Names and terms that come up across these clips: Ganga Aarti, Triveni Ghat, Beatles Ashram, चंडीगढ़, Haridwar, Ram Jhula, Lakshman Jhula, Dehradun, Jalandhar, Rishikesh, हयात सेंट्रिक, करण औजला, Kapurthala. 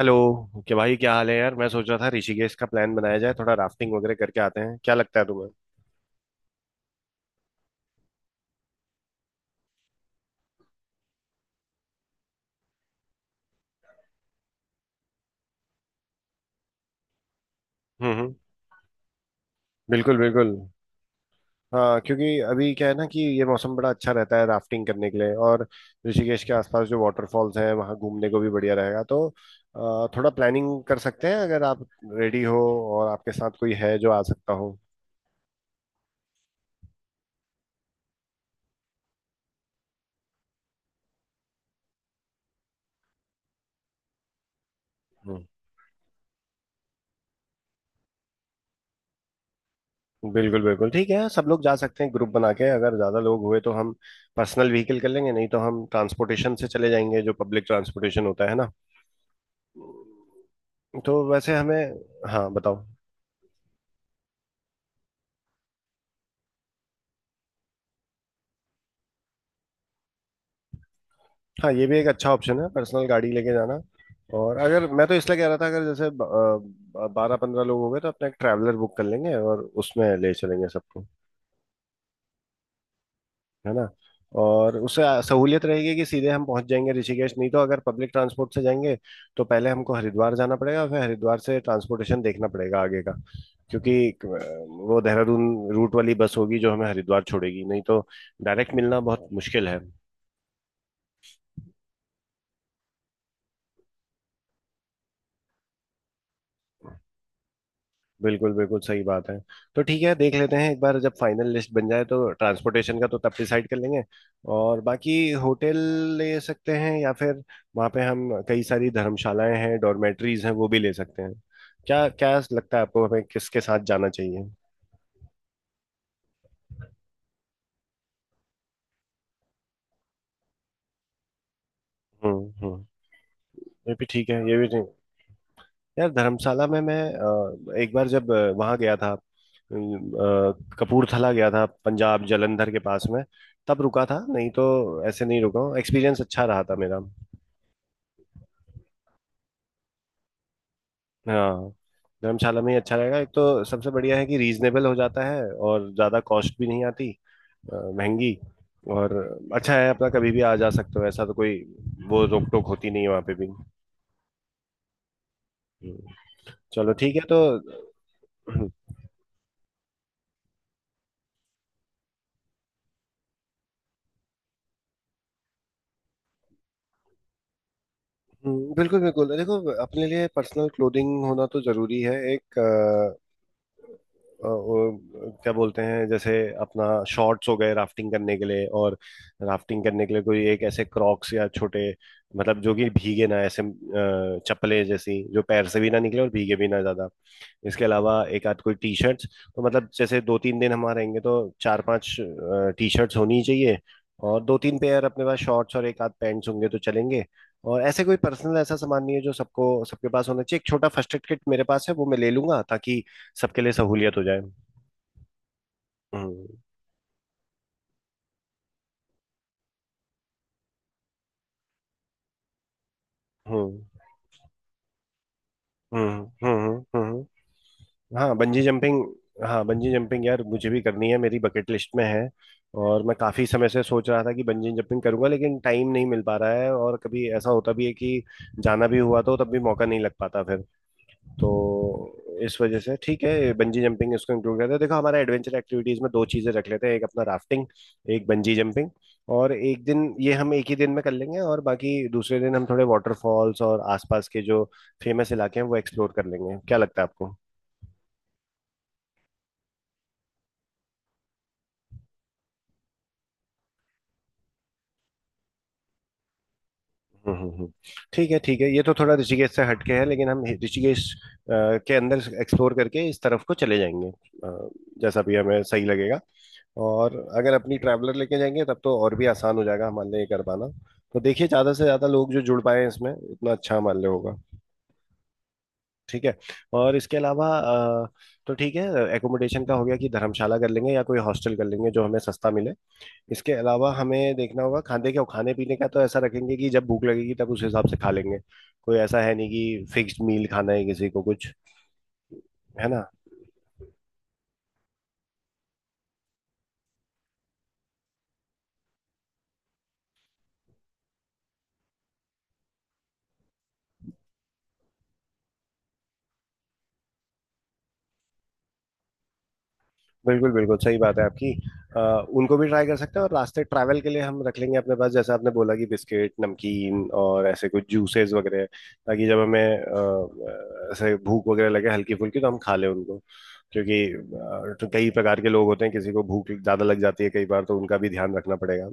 Hello. क्या भाई, क्या हाल है यार? मैं सोच रहा था ऋषिकेश का प्लान बनाया जाए, थोड़ा राफ्टिंग वगैरह करके आते हैं। क्या लगता है तुम्हें? हम्म, हम्म। बिल्कुल, बिल्कुल। हाँ, क्योंकि अभी क्या है ना, कि ये मौसम बड़ा अच्छा रहता है राफ्टिंग करने के लिए। और ऋषिकेश के आसपास जो वाटरफॉल्स हैं वहाँ घूमने को भी बढ़िया रहेगा। तो थोड़ा प्लानिंग कर सकते हैं अगर आप रेडी हो, और आपके साथ कोई है जो आ सकता हो। हम्म। बिल्कुल, बिल्कुल ठीक है, सब लोग जा सकते हैं ग्रुप बना के। अगर ज्यादा लोग हुए तो हम पर्सनल व्हीकल कर लेंगे, नहीं तो हम ट्रांसपोर्टेशन से चले जाएंगे, जो पब्लिक ट्रांसपोर्टेशन होता है ना। तो वैसे हमें। हाँ, बताओ। हाँ, ये भी एक अच्छा ऑप्शन है, पर्सनल गाड़ी लेके जाना। और अगर, मैं तो इसलिए कह रहा था, अगर जैसे 12-15 लोग हो गए तो अपना एक ट्रैवलर बुक कर लेंगे और उसमें ले चलेंगे सबको, है ना। और उससे सहूलियत रहेगी कि सीधे हम पहुंच जाएंगे ऋषिकेश। नहीं तो अगर पब्लिक ट्रांसपोर्ट से जाएंगे तो पहले हमको हरिद्वार जाना पड़ेगा, फिर हरिद्वार से ट्रांसपोर्टेशन देखना पड़ेगा आगे का। क्योंकि एक, वो देहरादून रूट वाली बस होगी जो हमें हरिद्वार छोड़ेगी, नहीं तो डायरेक्ट मिलना बहुत मुश्किल है। बिल्कुल, बिल्कुल सही बात है। तो ठीक है, देख लेते हैं एक बार जब फाइनल लिस्ट बन जाए तो ट्रांसपोर्टेशन का तो तब डिसाइड कर लेंगे। और बाकी होटल ले सकते हैं या फिर वहाँ पे हम, कई सारी धर्मशालाएं हैं, डॉर्मेट्रीज हैं, वो भी ले सकते हैं। क्या क्या लगता है आपको, हमें किसके साथ जाना चाहिए? हम्म, हम्म, ये भी ठीक है, ये भी ठीक। यार धर्मशाला में मैं एक बार जब वहाँ गया था, कपूरथला गया था, पंजाब, जालंधर के पास में, तब रुका था। नहीं तो ऐसे नहीं रुका हूँ। एक्सपीरियंस अच्छा रहा था मेरा। हाँ, धर्मशाला में ही अच्छा रहेगा। एक तो सबसे बढ़िया है कि रीजनेबल हो जाता है और ज़्यादा कॉस्ट भी नहीं आती, महंगी। और अच्छा है अपना, कभी भी आ जा सकते हो, ऐसा तो कोई, वो रोक टोक होती नहीं है वहाँ पे भी। हम्म, चलो ठीक है तो। हम्म। बिल्कुल, बिल्कुल, देखो अपने लिए पर्सनल क्लोथिंग होना तो जरूरी है एक, वो क्या बोलते हैं जैसे अपना शॉर्ट्स हो गए राफ्टिंग करने के लिए। और राफ्टिंग करने के लिए कोई एक ऐसे क्रॉक्स या छोटे, मतलब जो कि भीगे ना, ऐसे चप्पलें जैसी, जो पैर से भी ना निकले और भीगे भी ना ज्यादा। इसके अलावा एक आध कोई टी शर्ट्स। तो मतलब जैसे दो तीन दिन हम रहेंगे तो चार पांच टी शर्ट्स होनी ही चाहिए। और दो तीन पेयर अपने पास शॉर्ट्स और एक आध पैंट्स होंगे तो चलेंगे। और ऐसे कोई पर्सनल ऐसा सामान नहीं है जो सबको, सबके पास होना चाहिए। एक छोटा फर्स्ट एड किट मेरे पास है, वो मैं ले लूंगा, ताकि सबके लिए सहूलियत हो जाए। हम्म, हम्म, हम्म, हम्म, हाँ, बंजी जंपिंग। हाँ, बंजी जंपिंग यार, मुझे भी करनी है, मेरी बकेट लिस्ट में है। और मैं काफी समय से सोच रहा था कि बंजी जंपिंग करूंगा, लेकिन टाइम नहीं मिल पा रहा है। और कभी ऐसा होता भी है कि जाना भी हुआ तो तब भी मौका नहीं लग पाता फिर। तो इस वजह से ठीक है, बंजी जंपिंग इसको इंक्लूड करते हैं। देखो हमारा एडवेंचर एक्टिविटीज में दो चीजें रख लेते हैं, एक अपना राफ्टिंग, एक बंजी जंपिंग। और एक दिन ये हम एक ही दिन में कर लेंगे, और बाकी दूसरे दिन हम थोड़े वाटरफॉल्स और आसपास के जो फेमस इलाके हैं वो एक्सप्लोर कर लेंगे। क्या लगता है आपको? हम्म, ठीक है, ठीक है, ये तो थोड़ा ऋषिकेश से हटके है, लेकिन हम ऋषिकेश के अंदर एक्सप्लोर करके इस तरफ को चले जाएंगे, अ, जैसा भी हमें सही लगेगा। और अगर अपनी ट्रैवलर लेके जाएंगे तब तो और भी आसान हो जाएगा हमारे लिए ये कर पाना। तो देखिए, ज़्यादा से ज़्यादा लोग जो जुड़ पाए इसमें, उतना अच्छा हमारे लिए होगा। ठीक है। और इसके अलावा तो ठीक है, एकोमोडेशन का हो गया कि धर्मशाला कर लेंगे या कोई हॉस्टल कर लेंगे जो हमें सस्ता मिले। इसके अलावा हमें देखना होगा खाने का, खाने पीने का, तो ऐसा रखेंगे कि जब भूख लगेगी तब उस हिसाब से खा लेंगे। कोई ऐसा है नहीं कि फिक्स्ड मील खाना है किसी को कुछ, है ना। बिल्कुल, बिल्कुल सही बात है आपकी। आ, उनको भी ट्राई कर सकते हैं। और रास्ते ट्रैवल के लिए हम रख लेंगे अपने पास जैसा आपने बोला कि बिस्किट, नमकीन और ऐसे कुछ जूसेस वगैरह, ताकि जब हमें ऐसे भूख वगैरह लगे हल्की फुल्की तो हम खा लें उनको। क्योंकि तो कई प्रकार के लोग होते हैं, किसी को भूख ज़्यादा लग जाती है कई बार, तो उनका भी ध्यान रखना पड़ेगा,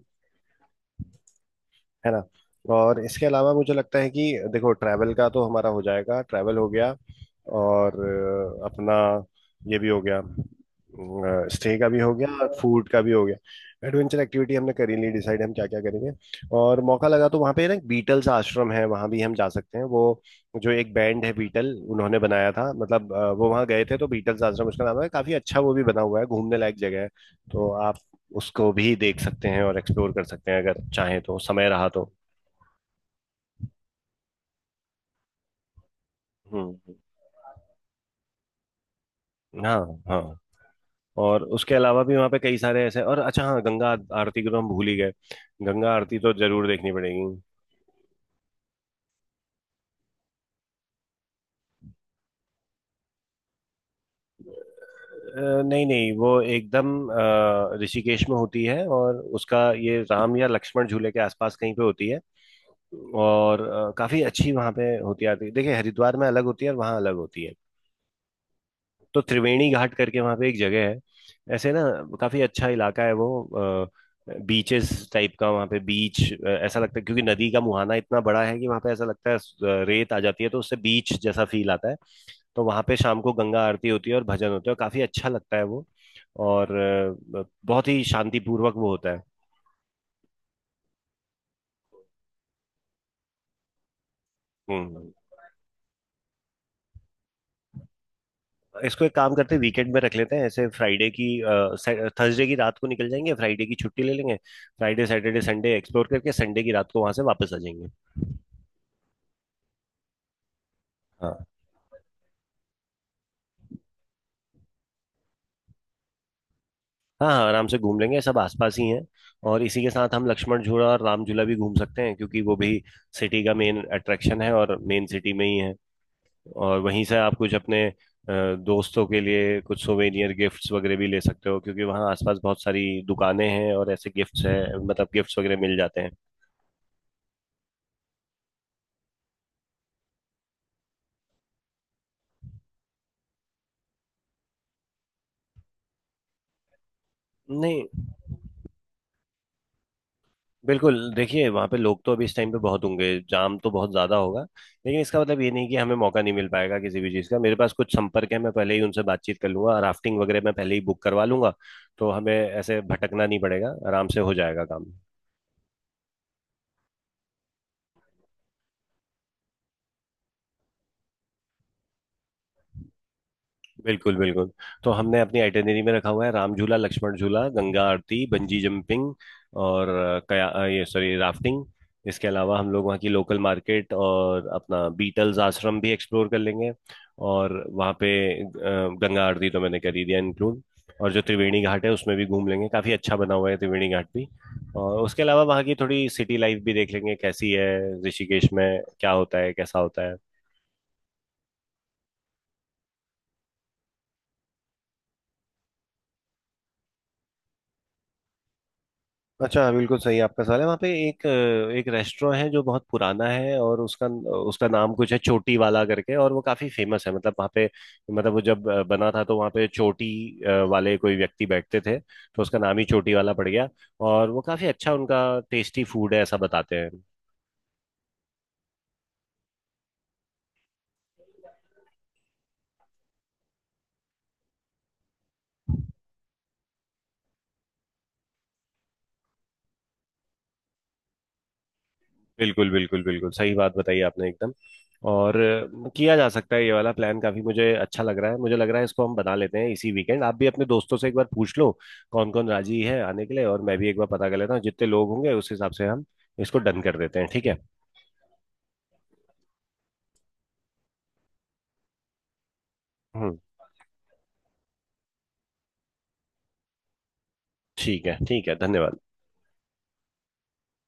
है ना। और इसके अलावा मुझे लगता है कि देखो, ट्रैवल का तो हमारा हो जाएगा, ट्रैवल हो गया। और अपना ये भी हो गया, स्टे का भी हो गया और फूड का भी हो गया। एडवेंचर एक्टिविटी हमने कर ही ली डिसाइड, हम क्या क्या करेंगे। और मौका लगा तो वहाँ पे ना बीटल्स आश्रम है, वहाँ भी हम जा सकते हैं। वो जो एक बैंड है बीटल, उन्होंने बनाया था, मतलब वो वहाँ गए थे, तो बीटल्स आश्रम उसका नाम है। काफी अच्छा वो भी बना हुआ है, घूमने लायक जगह है। तो उसको भी देख सकते हैं और एक्सप्लोर कर सकते हैं अगर चाहें तो, समय रहा तो। हम्म, हाँ, हाँ। और उसके अलावा भी वहाँ पे कई सारे ऐसे, और अच्छा, हाँ, गंगा आरती को तो हम भूल ही गए। गंगा आरती तो जरूर देखनी पड़ेगी। नहीं, नहीं, वो एकदम ऋषिकेश में होती है, और उसका ये राम या लक्ष्मण झूले के आसपास कहीं पे होती है। और काफी अच्छी वहाँ पे होती है आरती। देखिए, हरिद्वार में अलग होती है और वहाँ अलग होती है। तो त्रिवेणी घाट करके वहां पे एक जगह है, ऐसे ना, काफी अच्छा इलाका है वो। बीचेस टाइप का, वहां पे बीच ऐसा लगता है, क्योंकि नदी का मुहाना इतना बड़ा है कि वहां पे ऐसा लगता है, रेत आ जाती है तो उससे बीच जैसा फील आता है। तो वहां पे शाम को गंगा आरती होती है और भजन होता है, काफी अच्छा लगता है वो। और बहुत ही शांतिपूर्वक वो होता है। हम्म इसको एक काम करते हैं, वीकेंड में रख लेते हैं, ऐसे फ्राइडे की, थर्सडे की रात को निकल जाएंगे, फ्राइडे की छुट्टी ले लेंगे। फ्राइडे, सैटरडे, संडे एक्सप्लोर करके संडे की रात को वहां से वापस आ जाएंगे। हाँ, हाँ, हाँ, आराम से घूम लेंगे, सब आसपास ही हैं। और इसी के साथ हम लक्ष्मण झूला और राम झूला भी घूम सकते हैं, क्योंकि वो भी सिटी का मेन अट्रैक्शन है और मेन सिटी में ही है। और वहीं से आप कुछ अपने दोस्तों के लिए कुछ सोवेनियर गिफ्ट्स वगैरह भी ले सकते हो, क्योंकि वहाँ आसपास बहुत सारी दुकानें हैं और ऐसे गिफ्ट्स हैं, मतलब गिफ्ट्स वगैरह मिल जाते हैं। नहीं। बिल्कुल, देखिए वहाँ पे लोग तो अभी इस टाइम पे बहुत होंगे, जाम तो बहुत ज़्यादा होगा। लेकिन इसका मतलब ये नहीं कि हमें मौका नहीं मिल पाएगा किसी भी चीज़ का। मेरे पास कुछ संपर्क है, मैं पहले ही उनसे बातचीत कर लूंगा, राफ्टिंग वगैरह मैं पहले ही बुक करवा लूंगा। तो हमें ऐसे भटकना नहीं पड़ेगा, आराम से हो जाएगा काम। बिल्कुल, बिल्कुल। तो हमने अपनी आइटिनरी में रखा हुआ है राम झूला, लक्ष्मण झूला, गंगा आरती, बंजी जंपिंग और ये सॉरी, राफ्टिंग। इसके अलावा हम लोग वहाँ की लोकल मार्केट और अपना बीटल्स आश्रम भी एक्सप्लोर कर लेंगे। और वहाँ पे अ, गंगा आरती तो मैंने कर ही दिया इंक्लूड। और जो त्रिवेणी घाट है उसमें भी घूम लेंगे, काफ़ी अच्छा बना हुआ है त्रिवेणी घाट भी। और उसके अलावा वहाँ की थोड़ी सिटी लाइफ भी देख लेंगे कैसी है, ऋषिकेश में क्या होता है कैसा होता है। अच्छा, बिल्कुल सही आपका सवाल है। वहाँ पे एक रेस्टोरेंट है जो बहुत पुराना है, और उसका उसका नाम कुछ है चोटी वाला करके, और वो काफी फेमस है। मतलब वहाँ पे, मतलब वो जब बना था तो वहाँ पे चोटी वाले कोई व्यक्ति बैठते थे, तो उसका नाम ही चोटी वाला पड़ गया। और वो काफी अच्छा, उनका टेस्टी फूड है ऐसा बताते हैं। बिल्कुल, बिल्कुल, बिल्कुल सही बात बताई आपने एकदम। और किया जा सकता है ये वाला प्लान, काफी मुझे अच्छा लग रहा है। मुझे लग रहा है इसको हम बना लेते हैं इसी वीकेंड। आप भी अपने दोस्तों से एक बार पूछ लो कौन कौन राजी है आने के लिए, और मैं भी एक बार पता कर लेता हूँ जितने लोग होंगे। उस हिसाब से हम इसको डन कर देते हैं, ठीक है? हम्म। ठीक है, ठीक है, धन्यवाद।